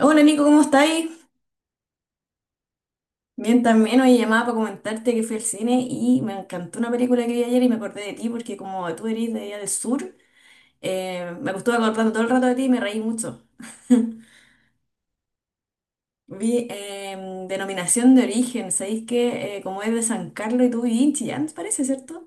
Hola Nico, ¿cómo estáis? Bien, también hoy llamaba para comentarte que fui al cine y me encantó una película que vi ayer y me acordé de ti porque como tú eres de allá del sur, me estuve acordando todo el rato de ti y me reí mucho. Vi Denominación de Origen, ¿sabéis que como es de San Carlos y tú vivís en Chillán, parece, ¿cierto?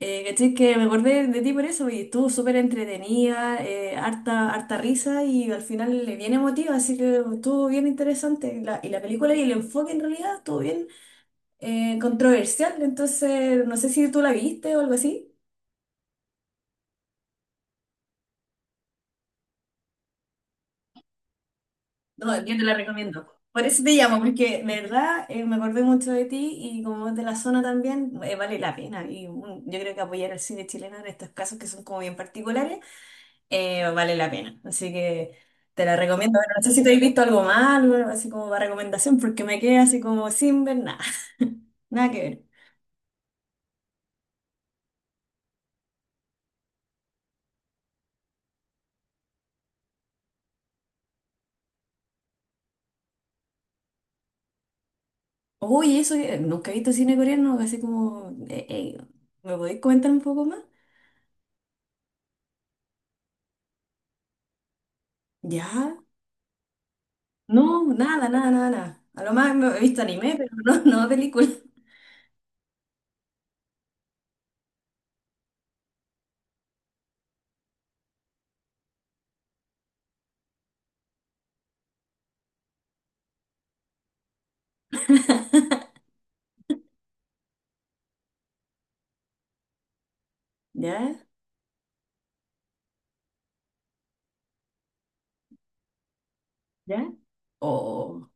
¿Cachai? Que me acordé de ti por eso y estuvo súper entretenida, harta, harta risa y al final bien emotiva, así que estuvo bien interesante. Y la película y el enfoque en realidad estuvo bien controversial, entonces no sé si tú la viste o algo así. No, yo te la recomiendo. Por eso te llamo, porque de verdad me acordé mucho de ti y como es de la zona también, vale la pena. Y mm, yo creo que apoyar al cine chileno en estos casos que son como bien particulares, vale la pena. Así que te la recomiendo. Bueno, no sé si te has visto algo más, algo así como para recomendación, porque me quedé así como sin ver nada, nada que ver. Uy, eso, nunca he visto cine coreano, así como, ¿me podéis comentar un poco más? Ya. No, nada, nada, nada, nada. A lo más he visto anime, pero no, no película. ¿Ya? ¿Ya? Oh,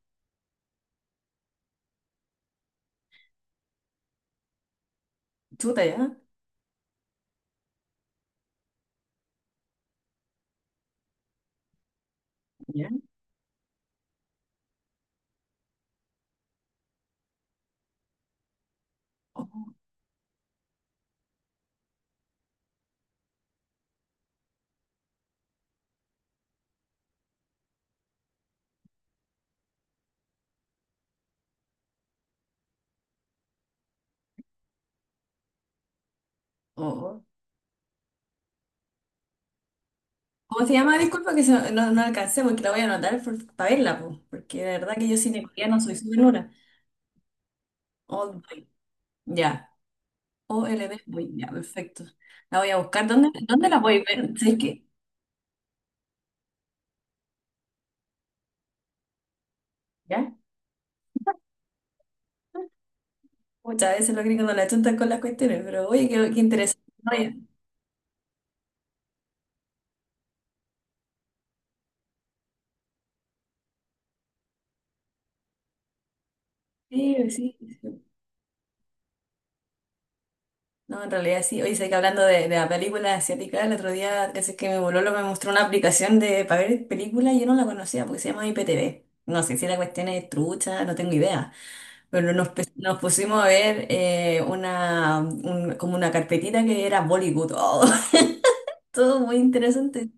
chuta, ¿ya? ¿Ya? Oh, oh. ¿Cómo se llama? Disculpa que no, no alcancé porque la voy a anotar para verla, po, porque de verdad que yo cine coreano soy súper nula. Old Boy, ya. Old Boy, ya, perfecto. La voy a buscar. ¿Dónde, dónde la voy a ver? Si es que, ¿ya? Muchas veces los gringos no la chuntan con las cuestiones, pero oye, qué, qué interesante. Oye, sí, sí. No, en realidad sí. Oye, sé que hablando de la película asiática, el otro día casi que mi bololo me mostró una aplicación de para ver películas y yo no la conocía porque se llama IPTV. No sé si la cuestión es trucha, no tengo idea. Pero nos, nos pusimos a ver una, como una carpetita que era Bollywood. Oh, todo muy interesante.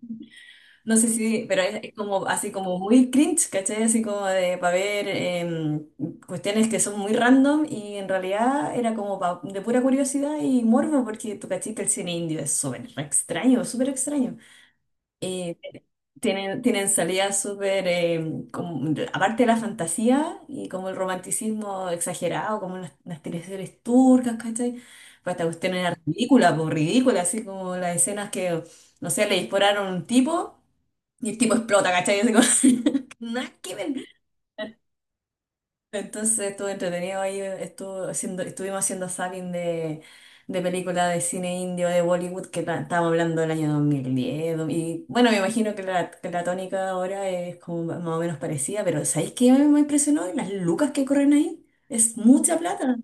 No sé si, pero es como así como muy cringe, ¿cachai? Así como de para ver cuestiones que son muy random y en realidad era como de pura curiosidad y morbo porque tú cachai que el cine indio es súper extraño eh, tienen, tienen salidas súper, aparte de la fantasía y como el romanticismo exagerado, como las teleseries turcas, ¿cachai? Pues esta cuestión era ridícula, por ridícula, así como las escenas que, no sé, le dispararon a un tipo y el tipo explota, ¿cachai? Así como, nada que ver. Entonces estuvo entretenido ahí, estuvo haciendo, estuvimos haciendo zapping de películas de cine indio de Bollywood que estábamos hablando del año 2010. Y bueno, me imagino que la tónica ahora es como más o menos parecida, pero ¿sabéis qué me, me impresionó? Las lucas que corren ahí. Es mucha plata.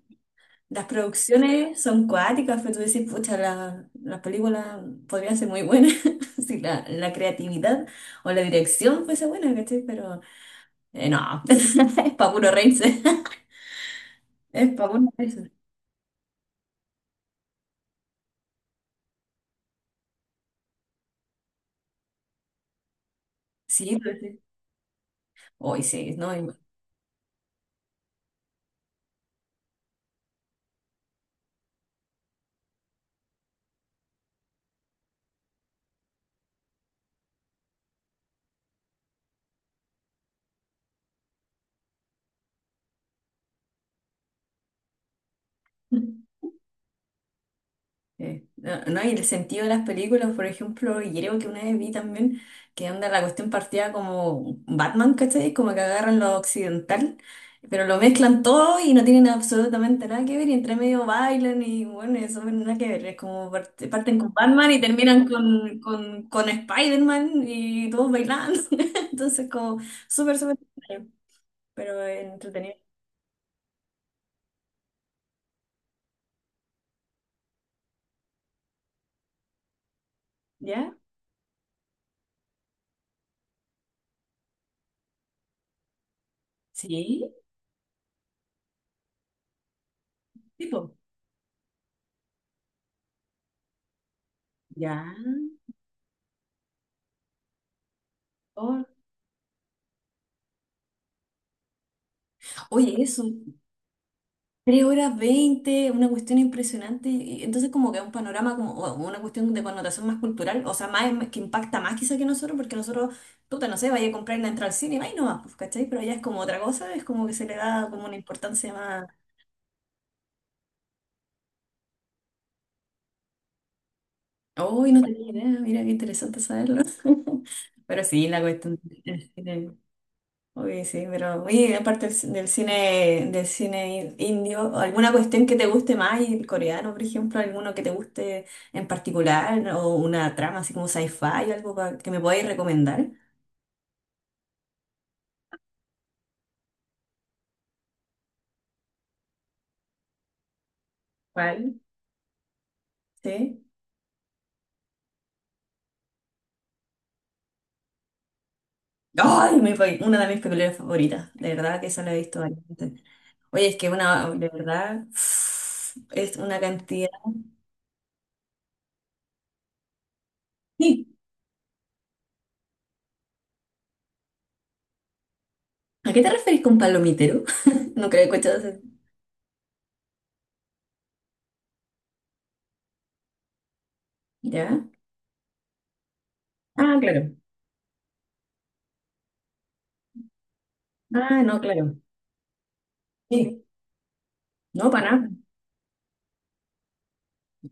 Las producciones son cuáticas, pero tú decís, pucha, las películas podrían ser muy buenas si la, la creatividad o la dirección fuese buena, ¿cachai? Pero no, es para puro reírse. Es para una de esas. Sí, pues sí. Hoy sí, no, no, no, y el sentido de las películas, por ejemplo, y creo que una vez vi también que anda la cuestión partida como Batman, ¿cachai? Como que agarran lo occidental, pero lo mezclan todo y no tienen absolutamente nada que ver, y entre medio bailan y bueno, eso no nada que ver, es como parten con Batman y terminan con Spider-Man y todos bailando, entonces como súper, súper, extraño, pero entretenido. ¿Ya? Sí, tipo. Ya. Oh, oye, eso, 3 horas 20, una cuestión impresionante. Entonces, como que es un panorama, como o una cuestión de connotación más cultural, o sea, más que impacta más quizá que nosotros, porque nosotros, puta, no sé, vaya a comprar la entrada al cine, vaya nomás, pues, ¿cachai? Pero allá es como otra cosa, es como que se le da como una importancia más. Uy, no tenía idea, mira qué interesante saberlo. Pero sí, la cuestión. Oye, sí, pero oye, aparte del, del cine indio, ¿alguna cuestión que te guste más? Y el coreano, por ejemplo, alguno que te guste en particular, o una trama así como sci-fi, algo que me podáis recomendar. ¿Cuál? ¿Sí? ¡Ay! Una de mis películas favoritas, de verdad que eso lo he visto bastante. Oye, es que una, de verdad, es una cantidad. Sí, ¿a qué te referís con palomitero? No creo que he escuchado ¿ya? Ah, claro. Ah, no, claro. Sí, no, para nada.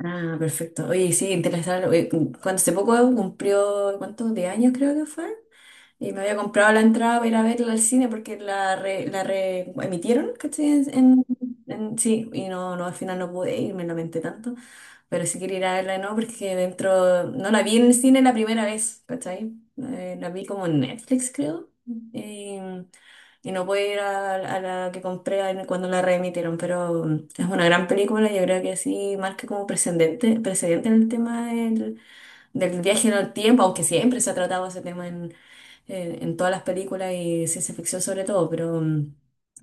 Ah, perfecto. Oye, sí, interesante. Cuando hace poco cumplió, ¿cuántos? De años creo que fue. Y me había comprado la entrada para ir a verla al cine porque la re, emitieron, ¿cachai? En, sí, y no, no, al final no pude ir, me lamenté tanto. Pero sí quería ir a verla, ¿no? Porque dentro, no la vi en el cine la primera vez, ¿cachai? La vi como en Netflix, creo. Y no pude ir a la que compré cuando la reemitieron, pero mm, es una gran película. Yo creo que sí marca como precedente, precedente el tema del, del viaje en el tiempo, aunque siempre se ha tratado ese tema en, en todas las películas y ciencia ficción sobre todo, pero. Mm,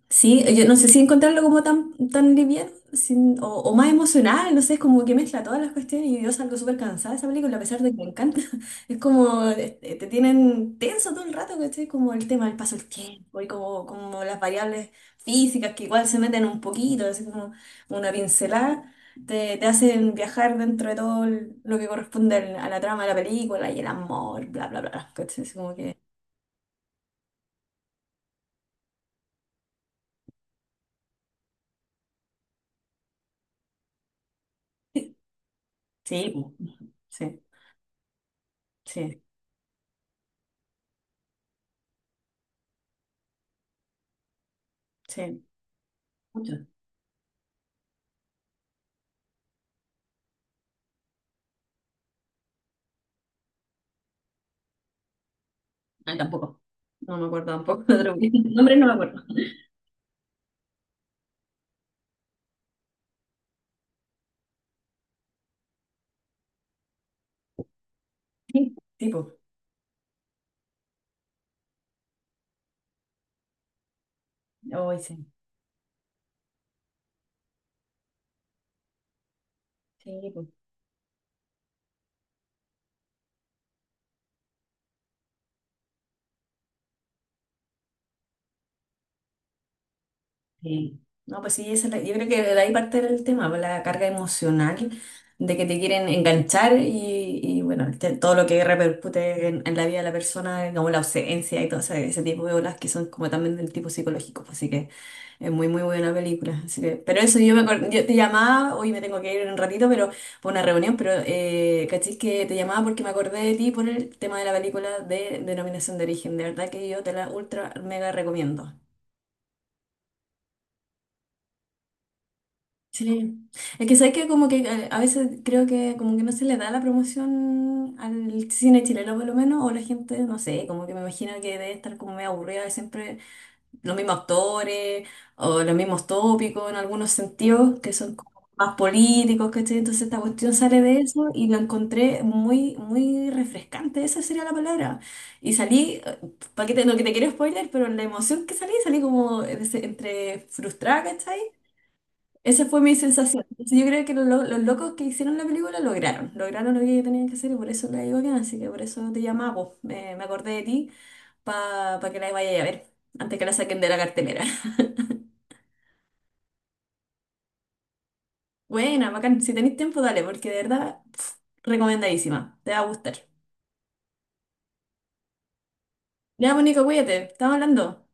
Sí, yo no sé si encontrarlo como tan, tan liviano o más emocional, no sé, es como que mezcla todas las cuestiones y yo salgo súper cansada de esa película a pesar de que me encanta. Es como, este, te tienen tenso todo el rato, ¿cachai? Como el tema del paso del tiempo y como, como las variables físicas que igual se meten un poquito, así como una pincelada, te hacen viajar dentro de todo lo que corresponde a la trama de la película y el amor, bla, bla, bla, ¿cachai? Es como que... Sí, sí, sí, sí. Mucho. Ah, tampoco. No me acuerdo tampoco. Otro nombre no me acuerdo. Sí, tipo. Hoy sí. Sí, po. Sí. No, pues sí, esa es yo creo que de ahí parte el tema, pues, la carga emocional de que te quieren enganchar y, bueno, todo lo que repercute en la vida de la persona, como la ausencia y todo ese, ese tipo de olas que son como también del tipo psicológico. Pues, Así que es muy, muy buena película. Así que, pero eso, yo, me, yo te llamaba, hoy me tengo que ir en un ratito, pero por una reunión, pero cachis que te llamaba porque me acordé de ti por el tema de la película de Denominación de Origen. De verdad que yo te la ultra mega recomiendo. Sí. Es que sabes que como que a veces creo que como que no se le da la promoción al cine chileno por lo menos, o la gente, no sé, como que me imagino que debe estar como medio aburrida de siempre los mismos actores o los mismos tópicos en algunos sentidos que son como más políticos, ¿cachai? Entonces esta cuestión sale de eso y la encontré muy, muy refrescante, esa sería la palabra. Y salí, para que te, no que te quiero spoiler, pero la emoción que salí, salí como entre frustrada, ¿cachai? Esa fue mi sensación. Entonces, yo creo que los, los locos que hicieron la película lograron, lograron lo que tenían que hacer y por eso la digo bien, así que por eso te llamaba, po. Me acordé de ti para que la vayas a ver antes que la saquen de la cartelera. Buena, bacán. Si tenéis tiempo, dale, porque de verdad, pf, recomendadísima. Te va a gustar. Ya, Mónica, cuídate. Estamos hablando.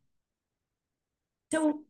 Chau.